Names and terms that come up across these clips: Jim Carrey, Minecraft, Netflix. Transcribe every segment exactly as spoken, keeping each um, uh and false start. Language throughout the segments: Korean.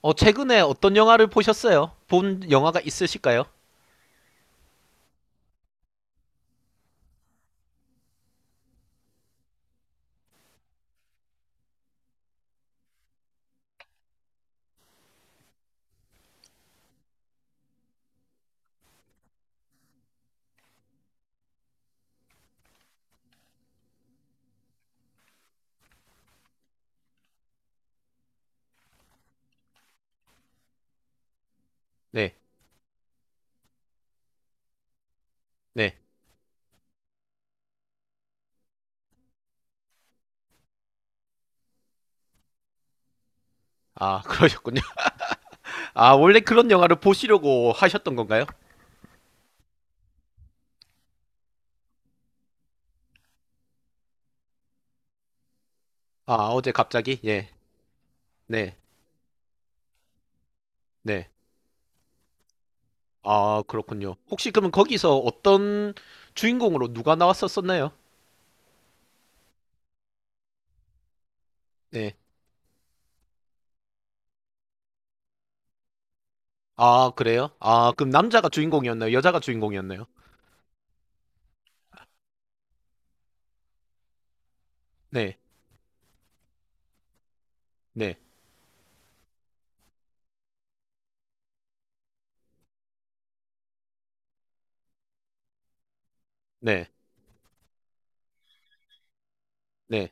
어, 최근에 어떤 영화를 보셨어요? 본 영화가 있으실까요? 네, 네. 아, 그러셨군요. 아, 원래 그런 영화를 보시려고 하셨던 건가요? 아, 어제 갑자기? 예, 네, 네. 아, 그렇군요. 혹시 그러면 거기서 어떤 주인공으로 누가 나왔었었나요? 네. 아, 그래요? 아, 그럼 남자가 주인공이었나요? 여자가 주인공이었나요? 네, 네, 네, 네.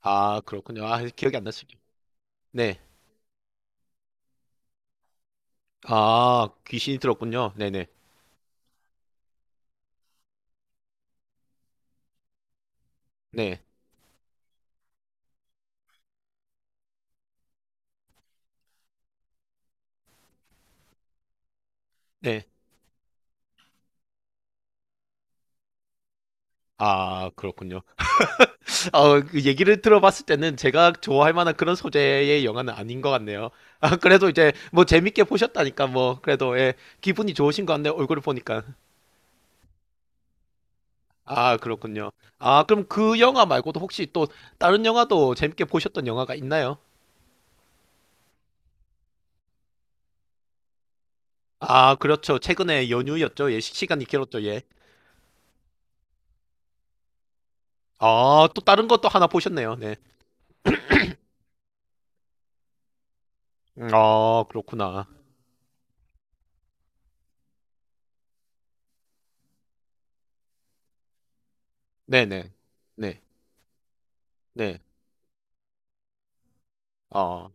아, 그렇군요. 아, 기억이 안 나시죠? 네. 아, 귀신이 들었군요. 네네, 네, 네. 네. 아, 그렇군요. 어, 그 얘기를 들어봤을 때는 제가 좋아할 만한 그런 소재의 영화는 아닌 것 같네요. 아, 그래도 이제 뭐 재밌게 보셨다니까 뭐 그래도 예, 기분이 좋으신 것 같네요. 얼굴을 보니까. 아, 그렇군요. 아, 그럼 그 영화 말고도 혹시 또 다른 영화도 재밌게 보셨던 영화가 있나요? 아, 그렇죠. 최근에 연휴였죠. 예, 시- 시간이 길었죠. 예. 아, 또 다른 것도 하나 보셨네요. 네. 음, 아, 그렇구나. 네네. 네. 네. 아,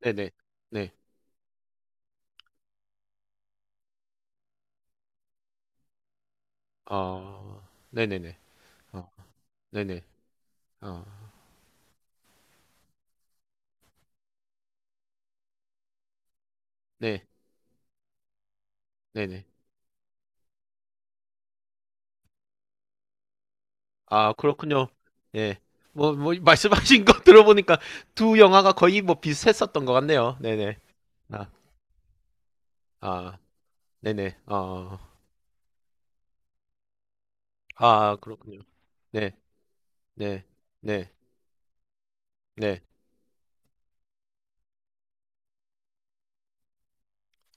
네네. 네. 아, 네네네. 어, 네네. 어. 네, 네네. 아, 그렇군요. 예. 뭐, 뭐, 말씀하신 거 들어보니까 두 영화가 거의 뭐 비슷했었던 것 같네요. 네네. 아, 아, 네네. 어, 아, 그렇군요. 네, 네, 네, 네.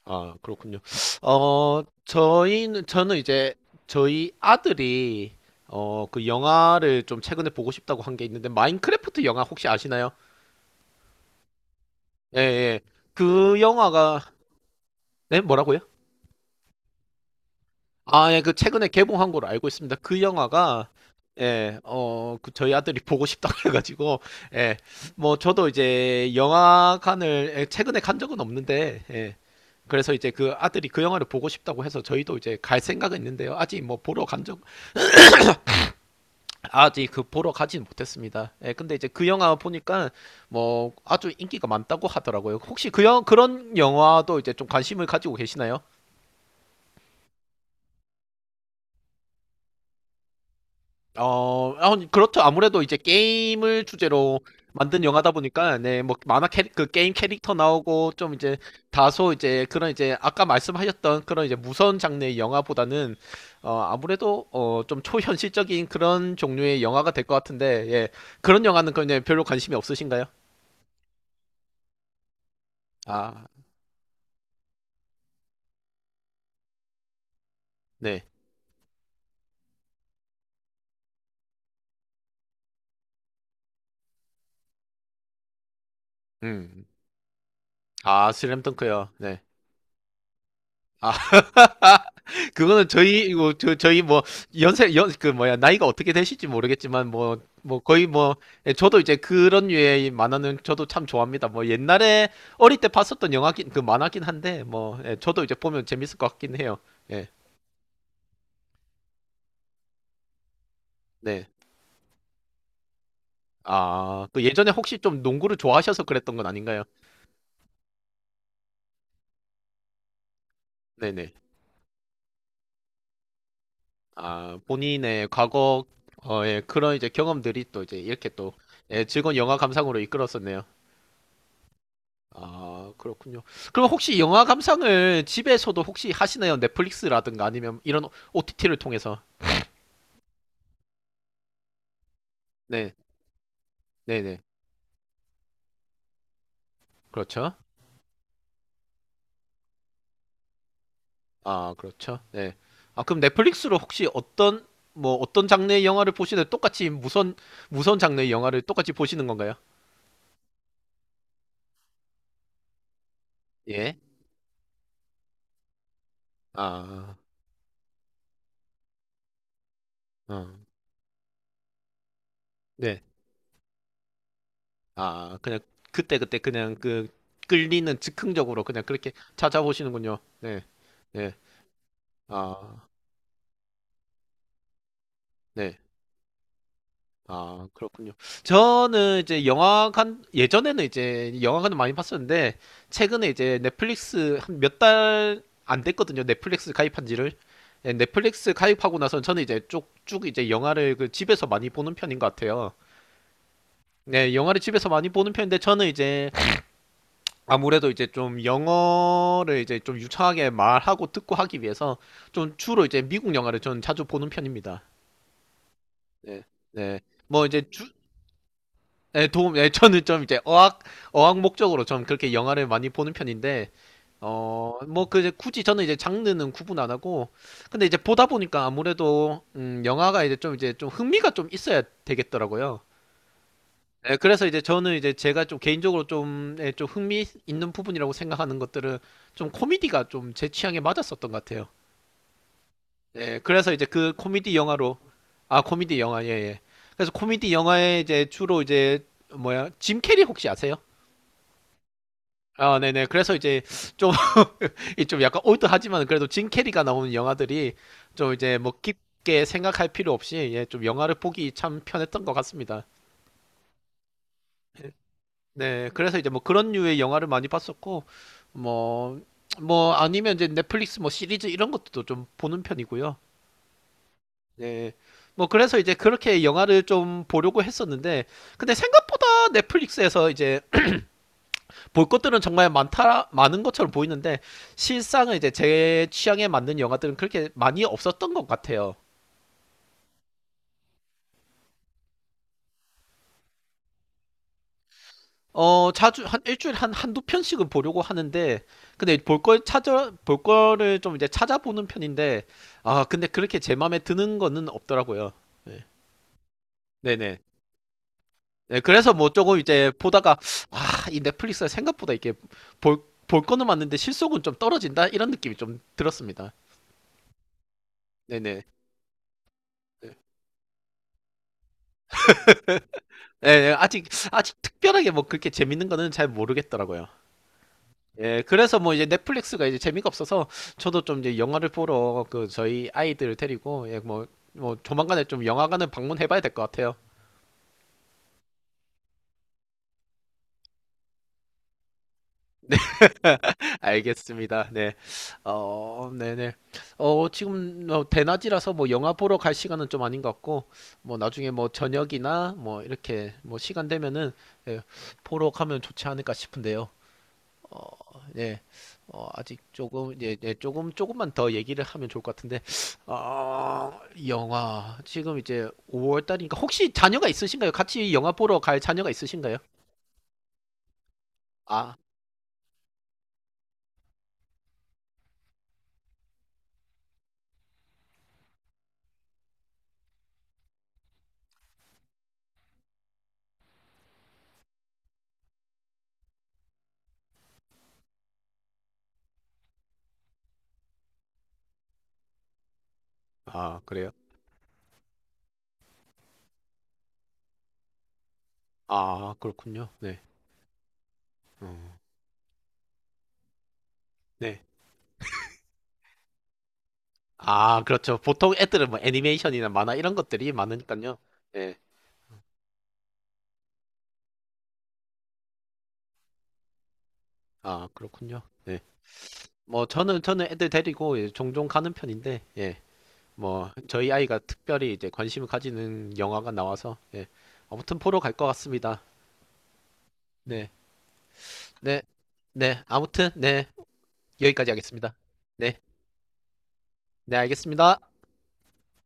아, 그렇군요. 어, 저희는, 저는 이제 저희 아들이 어, 그 영화를 좀 최근에 보고 싶다고 한게 있는데, 마인크래프트 영화 혹시 아시나요? 예, 예. 그 영화가, 네, 뭐라고요? 아, 예, 그 최근에 개봉한 걸로 알고 있습니다. 그 영화가 예, 어, 그 저희 아들이 보고 싶다고 해가지고 예, 뭐 저도 이제 영화관을 예, 최근에 간 적은 없는데 예, 그래서 이제 그 아들이 그 영화를 보고 싶다고 해서 저희도 이제 갈 생각은 있는데요. 아직 뭐 보러 간 적, 아직 그 보러 가진 못했습니다. 예, 근데 이제 그 영화 보니까 뭐 아주 인기가 많다고 하더라고요. 혹시 그 영, 그런 영화도 이제 좀 관심을 가지고 계시나요? 어, 아, 그렇죠. 아무래도 이제 게임을 주제로 만든 영화다 보니까, 네, 뭐, 만화 캐릭, 그 게임 캐릭터 나오고, 좀 이제, 다소 이제, 그런 이제, 아까 말씀하셨던 그런 이제 무서운 장르의 영화보다는, 어, 아무래도, 어, 좀 초현실적인 그런 종류의 영화가 될 것 같은데, 예. 그런 영화는 그냥 별로 관심이 없으신가요? 아, 네. 음. 아, 슬램덩크요. 네. 아, 그거는 저희 이거 저, 저희 뭐 연세 연 그 뭐야 나이가 어떻게 되실지 모르겠지만 뭐 뭐 거의 뭐 예, 저도 이제 그런 류의 이 만화는 저도 참 좋아합니다. 뭐 옛날에 어릴 때 봤었던 영화긴 그 만화긴 한데 뭐 예, 저도 이제 보면 재밌을 것 같긴 해요. 예. 네. 아, 그 예전에 혹시 좀 농구를 좋아하셔서 그랬던 건 아닌가요? 네네. 아, 본인의 과거 어, 예, 그런 이제 경험들이 또 이제 이렇게 또 예, 즐거운 영화 감상으로 이끌었었네요. 아, 그렇군요. 그럼 혹시 영화 감상을 집에서도 혹시 하시나요? 넷플릭스라든가 아니면 이런 오티티를 통해서? 네, 네네. 그렇죠. 아, 그렇죠. 네. 아, 그럼 넷플릭스로 혹시 어떤, 뭐, 어떤 장르의 영화를 보시는, 똑같이 무선, 무선 장르의 영화를 똑같이 보시는 건가요? 예. 아, 어, 네. 아, 그냥 그때그때 그냥 그 끌리는 즉흥적으로 그냥 그렇게 찾아보시는군요. 네, 네. 아, 네. 아, 그렇군요. 저는 이제 영화관, 예전에는 이제 영화관을 많이 봤었는데, 최근에 이제 넷플릭스 한 몇 달 안 됐거든요. 넷플릭스 가입한 지를. 예, 넷플릭스 가입하고 나서 저는 이제 쭉쭉 이제 영화를 그 집에서 많이 보는 편인 것 같아요. 네, 영화를 집에서 많이 보는 편인데, 저는 이제 아무래도 이제 좀 영어를 이제 좀 유창하게 말하고 듣고 하기 위해서 좀 주로 이제 미국 영화를 저는 자주 보는 편입니다. 네, 네. 뭐 이제 예, 도움, 예, 저는 좀 이제 어학, 어학 목적으로 좀 그렇게 영화를 많이 보는 편인데, 어, 뭐, 그, 이제 굳이 저는 이제 장르는 구분 안 하고, 근데 이제 보다 보니까 아무래도, 음, 영화가 이제 좀 이제 좀 흥미가 좀 있어야 되겠더라고요. 예, 그래서 이제 저는 이제 제가 좀 개인적으로 좀, 예, 좀 흥미 있는 부분이라고 생각하는 것들은 좀 코미디가 좀 제 취향에 맞았었던 것 같아요. 예, 그래서 이제 그 코미디 영화로, 아, 코미디 영화, 예, 예. 그래서 코미디 영화에 이제 주로 이제, 뭐야, 짐 캐리 혹시 아세요? 아, 네네. 그래서 이제 좀, 이좀 약간 올드하지만 그래도 진 캐리가 나오는 영화들이 좀 이제 뭐 깊게 생각할 필요 없이 예, 좀 영화를 보기 참 편했던 것 같습니다. 네. 그래서 이제 뭐 그런 류의 영화를 많이 봤었고, 뭐, 뭐 아니면 이제 넷플릭스 뭐 시리즈 이런 것도 좀 보는 편이고요. 네. 뭐 그래서 이제 그렇게 영화를 좀 보려고 했었는데, 근데 생각보다 넷플릭스에서 이제 볼 것들은 정말 많다 많은 것처럼 보이는데 실상은 이제 제 취향에 맞는 영화들은 그렇게 많이 없었던 것 같아요. 어 자주 한 일주일에 한 한두 편씩은 보려고 하는데 근데 볼 걸 찾아 볼 거를 좀 이제 찾아보는 편인데 아 근데 그렇게 제 마음에 드는 거는 없더라고요. 네. 네네. 네, 그래서 뭐 조금 이제 보다가 아 이 넷플릭스가 생각보다 이게 볼 볼 거는 맞는데 실속은 좀 떨어진다 이런 느낌이 좀 들었습니다. 네네. 예, 예, 아직 아직 특별하게 뭐 그렇게 재밌는 거는 잘 모르겠더라고요. 예, 그래서 뭐 이제 넷플릭스가 이제 재미가 없어서 저도 좀 이제 영화를 보러 그 저희 아이들을 데리고 예, 뭐 뭐 조만간에 좀 영화관을 방문해봐야 될 것 같아요. 알겠습니다. 네, 어, 네네. 어, 지금 뭐 대낮이라서 뭐 영화 보러 갈 시간은 좀 아닌 것 같고 뭐 나중에 뭐 저녁이나 뭐 이렇게 뭐 시간 되면은 예, 보러 가면 좋지 않을까 싶은데요. 어, 네, 어, 아직 조금, 예, 예, 조금, 조금만 더 얘기를 하면 좋을 것 같은데, 어, 영화. 지금 이제 오월 달이니까, 혹시 자녀가 있으신가요? 같이 영화 보러 갈 자녀가 있으신가요? 아, 아, 그래요? 아, 그렇군요. 네. 음, 네. 아, 그렇죠. 보통 애들은 뭐 애니메이션이나 만화 이런 것들이 많으니까요. 네. 아, 그렇군요. 네. 뭐, 저는, 저는 애들 데리고 예, 종종 가는 편인데, 예. 뭐 저희 아이가 특별히 이제 관심을 가지는 영화가 나와서 예. 아무튼 보러 갈 것 같습니다. 네, 네, 네. 아무튼 네 여기까지 하겠습니다. 네, 네 알겠습니다.